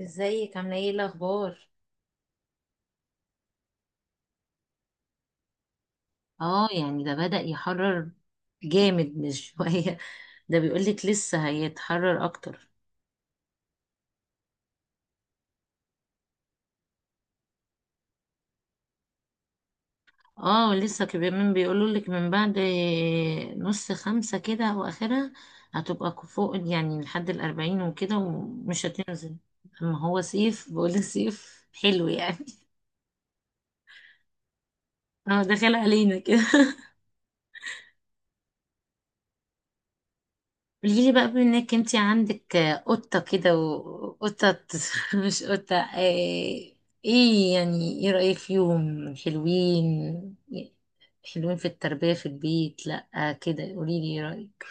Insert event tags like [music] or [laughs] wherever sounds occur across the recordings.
ازيك؟ عامله ايه؟ الاخبار؟ اه يعني ده بدأ يحرر. جامد مش [laughs] شوية. ده بيقولك لسه هيتحرر اكتر. اه لسه كمان بيقولولك من بعد نص خمسة كده او اخرها هتبقى فوق يعني لحد الاربعين وكده ومش هتنزل. اما هو صيف، بقول صيف حلو يعني. [laughs] اه داخل علينا كده. قوليلي بقى، بما انك انتي عندك قطة كده، وقطة [laughs] مش قطة، ايه؟ إيه يعني، ايه رأيك فيهم؟ حلوين؟ حلوين في التربية في البيت؟ لأ كده قوليلي ايه رأيك.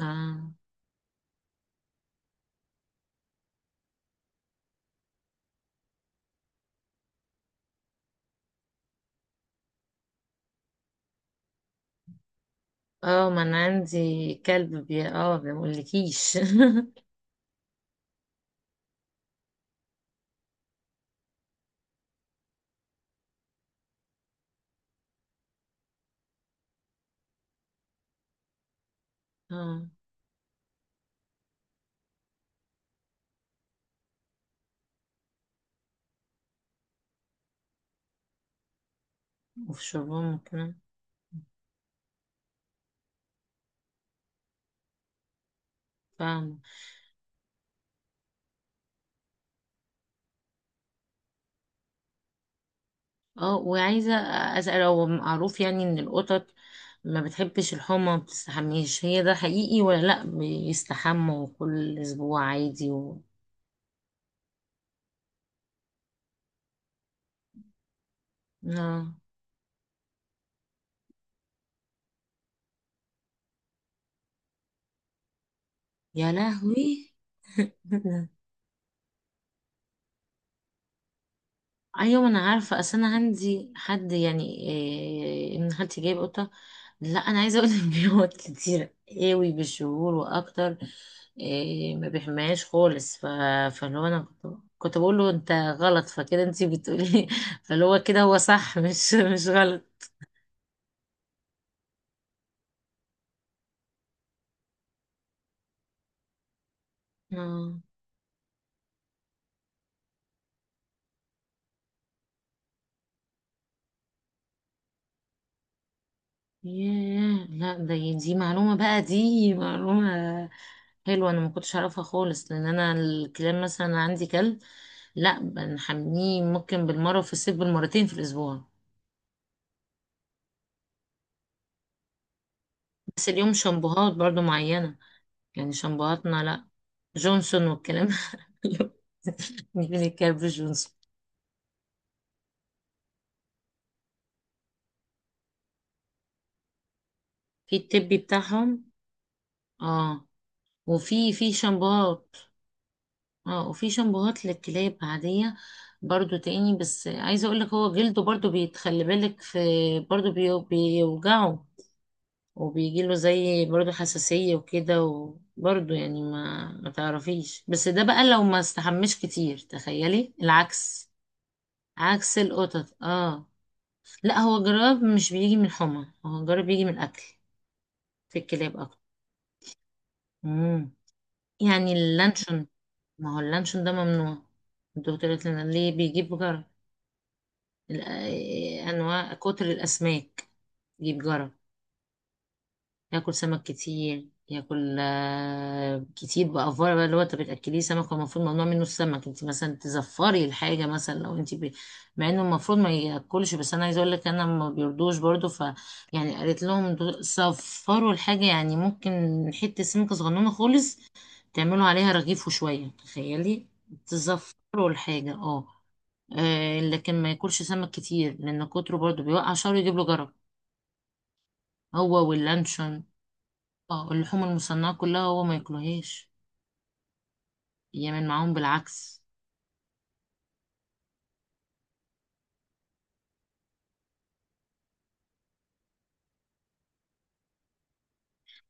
اه اه، ما انا عندي كلب، بي اه، ما بقولكيش [laughs] اه، وفي شربهم كمان. فاهمة. اه وعايزة أسأل، هو معروف يعني إن القطط ما بتحبش الحمى، ما بتستحميش هي؟ ده حقيقي ولا لأ؟ بيستحموا كل أسبوع عادي و... آه. يا لهوي. [laughs] ايوه، ما انا عارفه، اصل انا عندي حد يعني إيه، ان خالتي جايب قطه. لا انا عايزه اقول لك [laughs] بيقعد كتير قوي بالشهور واكتر. إيه، ما بيحماش خالص ف... فاللي هو انا كنت بقول له انت غلط، فكده انت بتقولي [laughs] فاللي هو كده، هو صح، مش غلط. آه. ياه، لا ده، دي معلومة بقى، دي معلومة حلوة، أنا ما كنتش أعرفها خالص، لأن أنا الكلاب مثلا عندي كلب. لا بنحميه، ممكن بالمرة في الصيف، بالمرتين في الأسبوع. بس اليوم شامبوهات برضو معينة، يعني شامبوهاتنا، لا جونسون والكلام ده. [laughs] نجيب الكلب جونسون. في التبي بتاعهم. اه. وفي في شامبوهات. اه وفي شامبوهات للكلاب عادية برضو تاني، بس عايزة اقولك هو جلده برضو، بيتخلي بالك في، برضو بيوجعه، وبيجيله زي برضو حساسية وكده، وبرضو يعني ما تعرفيش، بس ده بقى لو ما استحمش كتير تخيلي العكس. عكس القطط اه. لا، هو جراب مش بيجي من الحمى، هو جراب بيجي من الاكل، في الكلاب اكتر. مم. يعني اللانشون. ما هو اللانشون ده ممنوع، الدكتور قالت لنا ليه بيجيب جرب. انواع كتر الاسماك، يجيب جرى، ياكل سمك كتير، ياكل كتير بأفورة، بقى اللي هو انت بتاكليه سمك، هو المفروض ممنوع منه السمك، انت مثلا تزفري الحاجه، مثلا لو انت ب... مع انه المفروض ما ياكلش، بس انا عايزه اقول لك انا ما بيرضوش برضو، ف يعني قالت لهم صفروا الحاجه يعني، ممكن حته سمكه صغنونه خالص تعملوا عليها رغيف وشويه، تخيلي تزفروا الحاجه اه. لكن ما ياكلش سمك كتير، لان كتره برضو بيوقع شعره، يجيب له جرب، هو واللانشون. اه اللحوم المصنعه كلها هو ما ياكلهاش، يعمل معاهم بالعكس.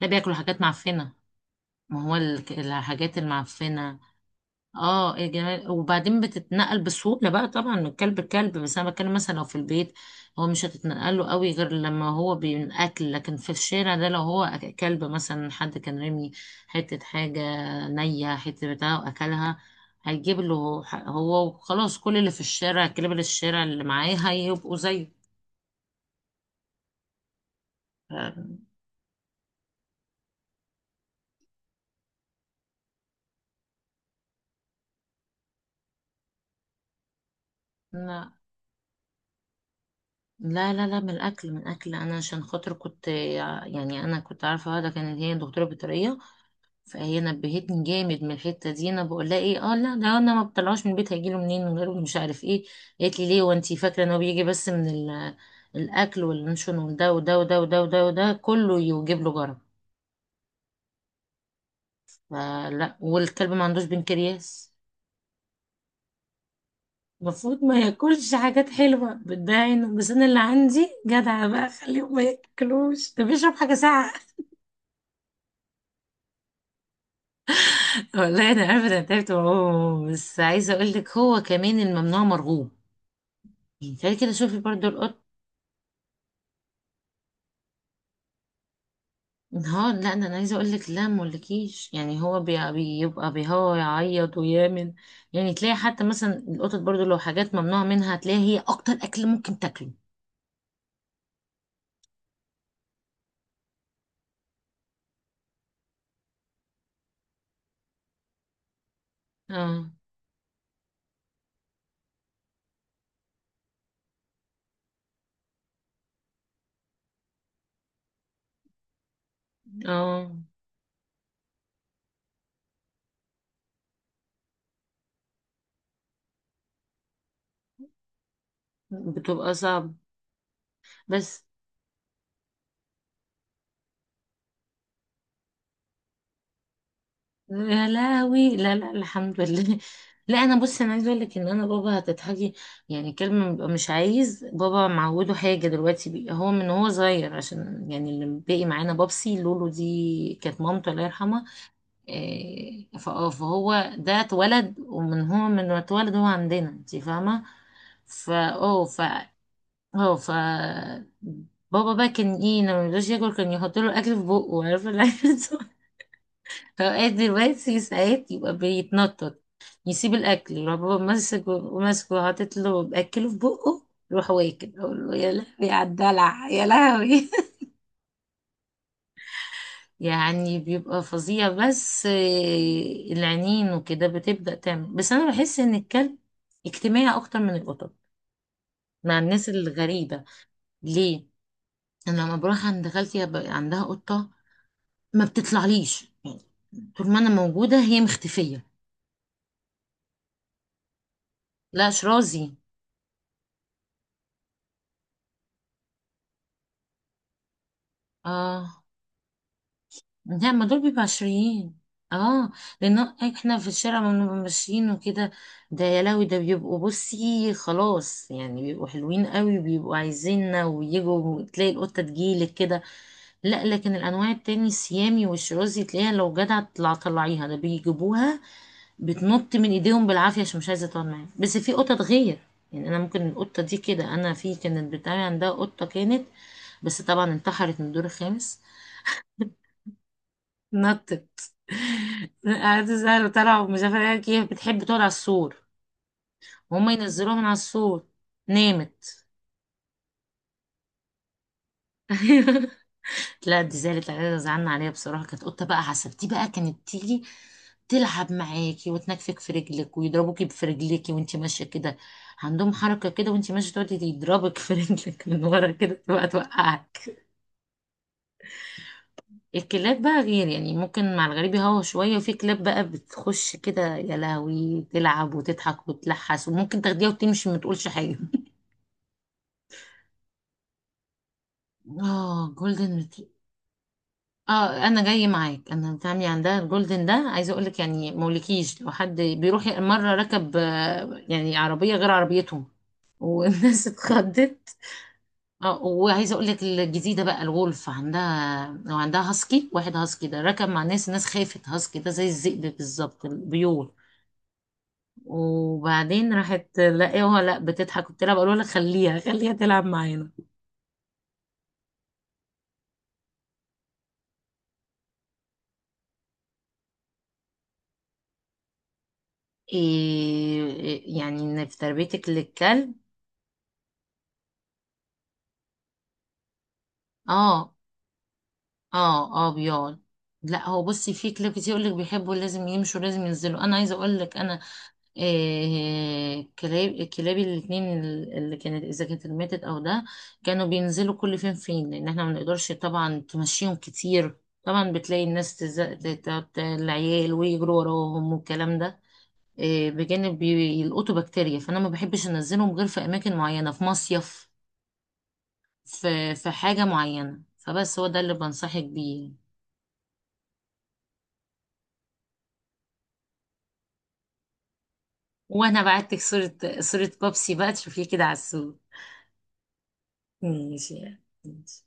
ده بياكلوا حاجات معفنه، ما هو الحاجات المعفنه. اه يا جمال، وبعدين بتتنقل بسهولة بقى طبعا من كلب لكلب، بس انا بتكلم مثلا لو في البيت، هو مش هتتنقل له قوي غير لما هو بينأكل، لكن في الشارع ده لو هو كلب، مثلا حد كان رمي حتة حاجة نية، حتة بتاع وأكلها، هيجيب له هو وخلاص، كل اللي في الشارع كلاب، اللي الشارع اللي معاه هيبقوا زيه ف- لا لا لا لا، من الأكل، من الأكل، أنا عشان خاطر كنت يعني، أنا كنت عارفة واحدة كانت هي دكتورة بيطرية، فهي نبهتني جامد من الحته دي، انا بقول لها ايه اه، لا ده انا ما بطلعوش من البيت، هيجيله منين من غيره؟ مش عارف ايه، قالت لي ليه وانتي فاكره ان هو بيجي بس من الاكل واللانشون، وده وده وده وده وده وده كله يجيب له جرب، فلا، والكلب ما عندوش بنكرياس، المفروض ما ياكلش حاجات حلوه، بتضايقني، بس انا اللي عندي جدع بقى خليه ما ياكلوش، ده بيشرب حاجه ساقعه. [laughs] والله انا عارفه، انا تعبت معاه، بس عايزه اقول لك هو كمان الممنوع مرغوب، يعني تعالي كده شوفي برضو القط. ها، لا ده، انا عايزه اقول لك لا، مولكيش يعني، هو بيبقى بيهوى يعيط ويامن، يعني تلاقي حتى مثلا القطط برضو لو حاجات ممنوع منها تلاقي هي اكتر اكل ممكن تاكله. اه اه. بتبقى صعب. بس، يا لهوي، لا لا، الحمد لله. لا انا بصي، انا عايزه اقول لك ان انا بابا هتضحكي، يعني كلمه، بيبقى مش عايز بابا معوده حاجه دلوقتي بي. هو من هو صغير، عشان يعني اللي باقي معانا بابسي، لولو دي كانت مامته الله يرحمها. إيه، فهو ده اتولد، ومن هو من ما اتولد هو عندنا، انت فاهمه. فا اه ف اه ف بابا بقى كان ايه لما ميرضاش ياكل، كان يحط له اكل في بقه، عارفه العيال [laughs] صغيرة. فاوقات دلوقتي ساعات يبقى بيتنطط، يسيب الاكل يروح بابا ماسك، ماسكه وحاطط له باكله في بقه، يروح واكل، اقول له يا لهوي على الدلع، يا لهوي [laughs] يعني بيبقى فظيع، بس العينين وكده بتبدأ تعمل، بس انا بحس ان الكلب اجتماعي اكتر من القطط مع الناس الغريبة. ليه؟ انا لما بروح عند خالتي عندها قطة، ما بتطلعليش، طول ما انا موجودة هي مختفية. لا شرازي. اه، لا ما دول بيبقوا عشريين، اه لان احنا في الشارع لما بنبقى ماشيين وكده، ده يا لهوي ده بيبقوا بصي، خلاص يعني بيبقوا حلوين قوي، بيبقوا عايزيننا ويجوا، تلاقي القطة تجيلك كده، لا لكن الانواع التاني السيامي والشرازي، تلاقيها لو جدع تطلع طلعيها ده بيجيبوها، بتنط من ايديهم بالعافية عشان مش عايزة تقعد معاهم، بس في قطط غير، يعني انا ممكن القطة دي كده، انا في كانت بتاعي عندها قطة كانت، بس طبعا انتحرت من الدور الخامس، نطت [laughs] قعدت سهل وطلعوا مش عارفة ايه، هي بتحب تقعد على السور، وهم ينزلوها من على السور، نامت. [laughs] لا دي زعلت عليها، زعلنا عليها بصراحة، كانت قطة بقى عسل، دي بقى كانت تيجي تلعب معاكي وتنكفك في رجلك، ويضربوكي في رجلك وانتي ماشية كده، عندهم حركة كده وانتي ماشية تقعدي يضربك في رجلك من ورا كده، تبقى توقعك. الكلاب بقى غير يعني، ممكن مع الغريب يهوى شوية، وفي كلاب بقى بتخش كده يا لهوي، تلعب وتضحك وتلحس، وممكن تاخديها وتمشي ما تقولش حاجة. اه جولدن. اه انا جاي معاك، انا بنت عمي عندها الجولدن ده، عايزه اقول لك يعني مولكيش، لو حد بيروح مره ركب يعني عربيه غير عربيتهم، والناس [laughs] اتخضت. اه وعايزه اقول لك الجديده بقى الولف عندها، وعندها هاسكي، واحد هاسكي ده ركب مع ناس، الناس خافت، هاسكي ده زي الذئب بالظبط البيول، وبعدين راحت لا ايه هو لا بتضحك، قلت لها بقول لها خليها خليها تلعب معانا. إيه يعني ان في تربيتك للكلب. اه اه اه بيقعد. لا هو بصي في كلاب كتير يقول لك بيحبوا لازم يمشوا لازم ينزلوا، انا عايزه اقول لك انا إيه، كلابي الاثنين اللي كانت اذا كانت ماتت او ده، كانوا بينزلوا كل فين فين، لان احنا ما بنقدرش طبعا تمشيهم كتير، طبعا بتلاقي الناس تزق العيال ويجروا وراهم والكلام ده، بجانب بيلقطوا بكتيريا، فانا ما بحبش انزلهم غير في اماكن معينه، في مصيف، في حاجه معينه، فبس هو ده اللي بنصحك بيه يعني. وانا بعتك صوره، بابسي بقى تشوفيه كده على السوق. ماشي يعني. ماشي.